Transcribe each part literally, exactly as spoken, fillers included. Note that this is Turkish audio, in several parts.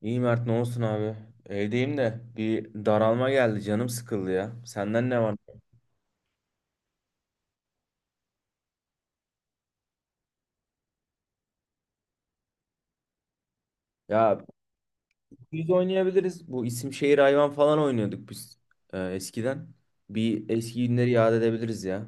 İyi Mert, ne olsun abi? Evdeyim de bir daralma geldi, canım sıkıldı ya. Senden ne var? Ya biz oynayabiliriz. Bu isim şehir hayvan falan oynuyorduk biz e, eskiden. Bir eski günleri yad edebiliriz ya.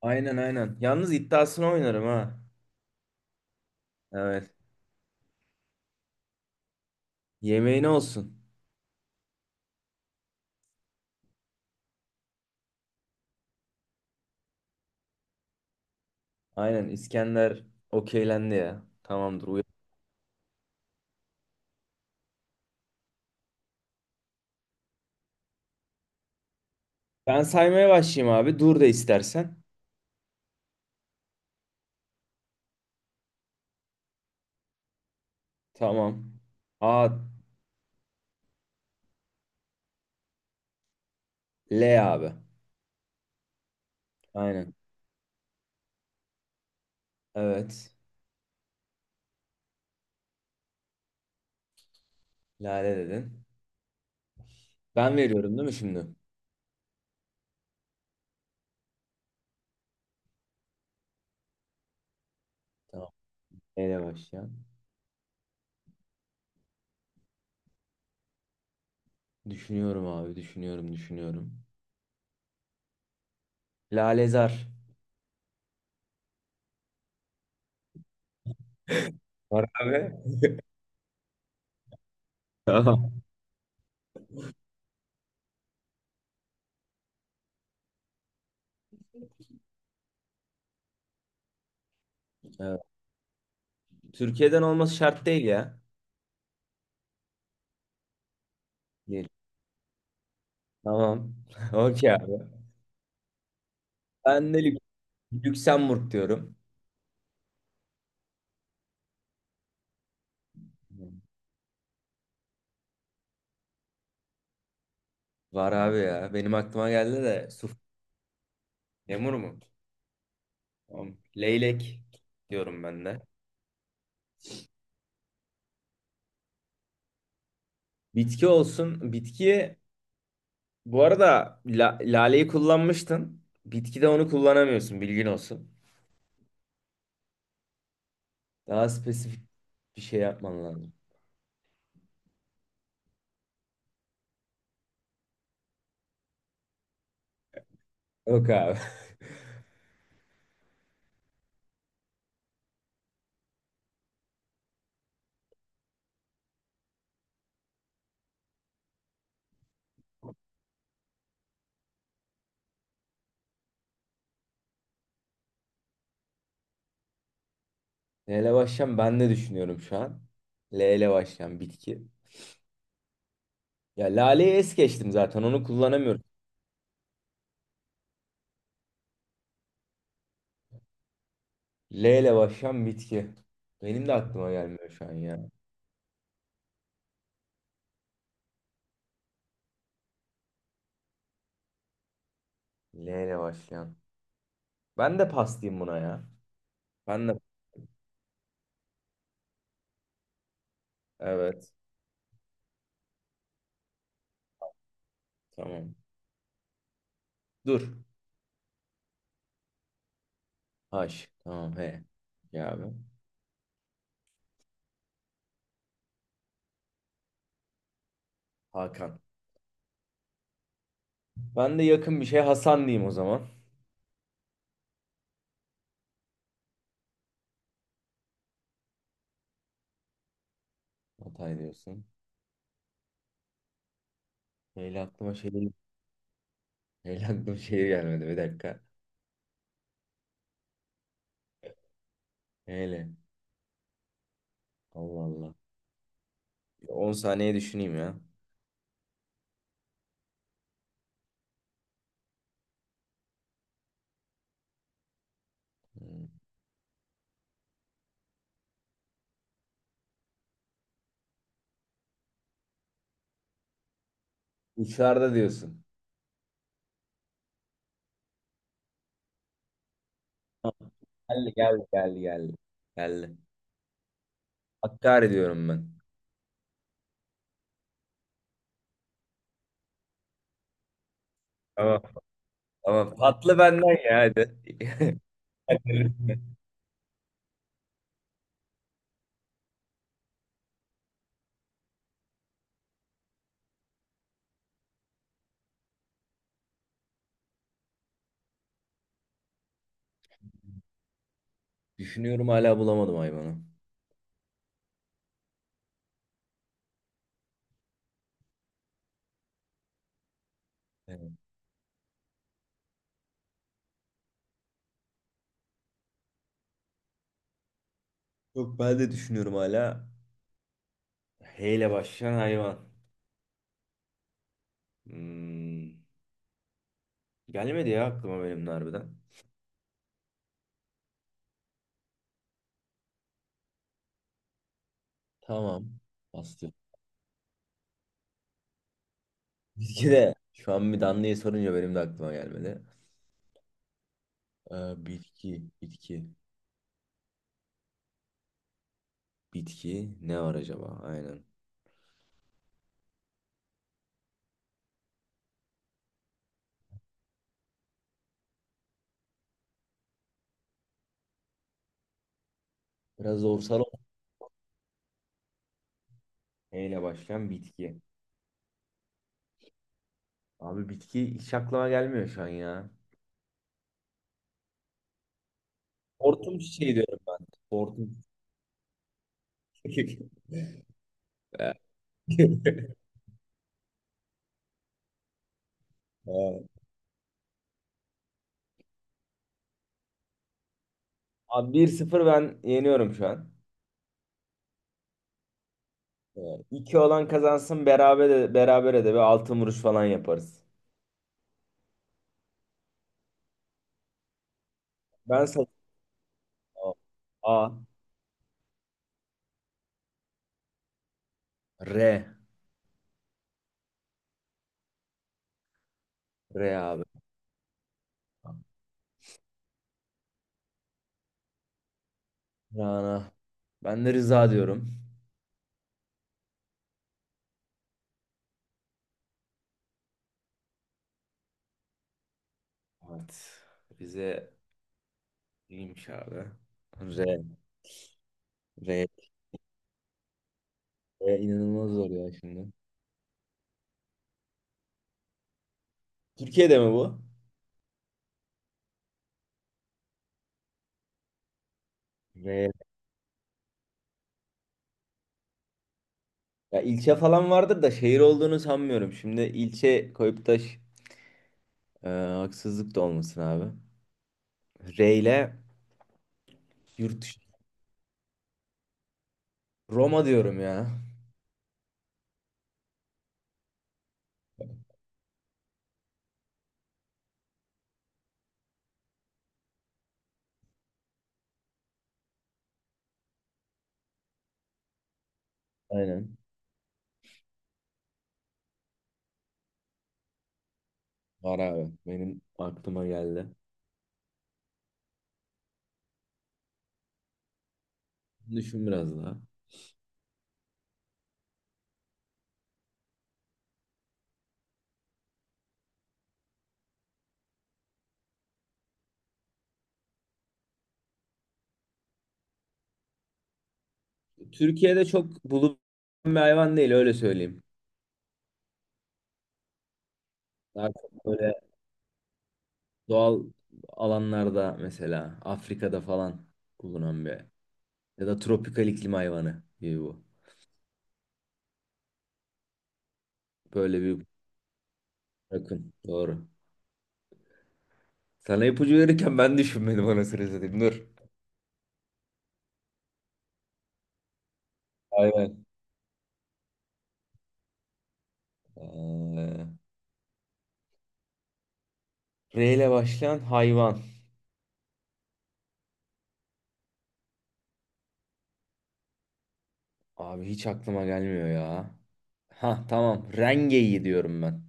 Aynen aynen. Yalnız iddiasını oynarım ha. Evet. Yemeğine olsun. Aynen, İskender okeylendi ya. Tamamdır. uy- Ben saymaya başlayayım abi. Dur da istersen. Tamam. A, L abi. Aynen. Evet. Lale dedin. Ben veriyorum değil mi şimdi? Tamam. Neyle başlayan? Düşünüyorum abi, düşünüyorum, düşünüyorum. Lalezar. Var abi. Tamam. Evet. Türkiye'den olması şart değil ya. Değil. Tamam. Okey abi. Ben de Lük- Lüksemburg diyorum. Var abi ya. Benim aklıma geldi de suf. Lemur mu? Tamam. Leylek diyorum ben de. Bitki olsun. Bitkiye bu arada la- laleyi kullanmıştın. Bitkide onu kullanamıyorsun. Bilgin olsun. Daha spesifik bir şey yapman lazım. Yok abi. Neyle başlayayım, ben de düşünüyorum şu an. L ile başlayan bitki. Ya laleyi es geçtim, zaten onu kullanamıyorum. L ile başlayan bitki. Benim de aklıma gelmiyor şu an ya. L ile başlayan. Ben de pas diyeyim buna ya. Ben de. Evet. Tamam. Dur. H. Tamam he. Ya abi. Hakan. Ben de yakın bir şey, Hasan diyeyim o zaman. Hatay diyorsun. L ile aklıma şehir. L ile aklıma şehir gelmedi, bir dakika. L. Allah Allah. on saniye düşüneyim ya. Hmm. Uçarda diyorsun. Tamam, geldi geldi geldi geldi. Geldi. Hakkari diyorum ben. Tamam. Tamam. Tamam. Patlı benden ya, hadi. Düşünüyorum, hala bulamadım hayvanı. Evet. Yok, ben de düşünüyorum hala. H ile başlayan hayvan. Hmm. Gelmedi ya aklıma benim de harbiden. Tamam. Bastı. Bitki de. Şu an bir Danlı'ya sorunca benim de aklıma gelmedi. Ee, bitki. Bitki. Bitki ne var acaba? Aynen. Biraz zorsal oldu. E ile başlayan bitki. Abi bitki hiç aklıma gelmiyor şu an ya. Hortum çiçeği diyorum ben. Hortum çiçeği. Evet. Abi bir sıfır ben yeniyorum şu an. Evet. iki olan kazansın, beraber de, berabere de bir altın vuruş falan yaparız. Ben sana A. R. R abi. Rana. Ben de Rıza diyorum. Evet. Bize iyiymiş abi. R. R. E, inanılmaz zor ya şimdi. Türkiye'de mi bu? Ve ya ilçe falan vardır da şehir olduğunu sanmıyorum. Şimdi ilçe koyup da ş- e, haksızlık da olmasın abi. R ile yurt dışı- Roma diyorum ya. Aynen. Var abi. Benim aklıma geldi. Düşün biraz daha. Türkiye'de çok bulunan bir hayvan değil, öyle söyleyeyim. Daha çok böyle doğal alanlarda, mesela Afrika'da falan bulunan bir ya da tropikal iklim hayvanı gibi bu. Böyle bir yakın. Doğru. Sana ipucu verirken ben düşünmedim, anasını satayım. Dur. Hayvan. Ee, R ile başlayan hayvan. Abi hiç aklıma gelmiyor ya. Ha tamam. Rengeyi diyorum ben.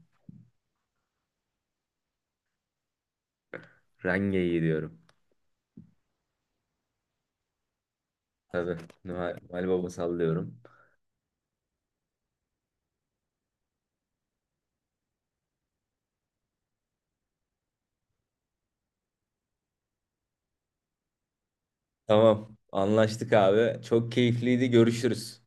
Rengeyi diyorum. Tabii. Noel, Noel Baba sallıyorum. Tamam. Anlaştık abi. Çok keyifliydi. Görüşürüz.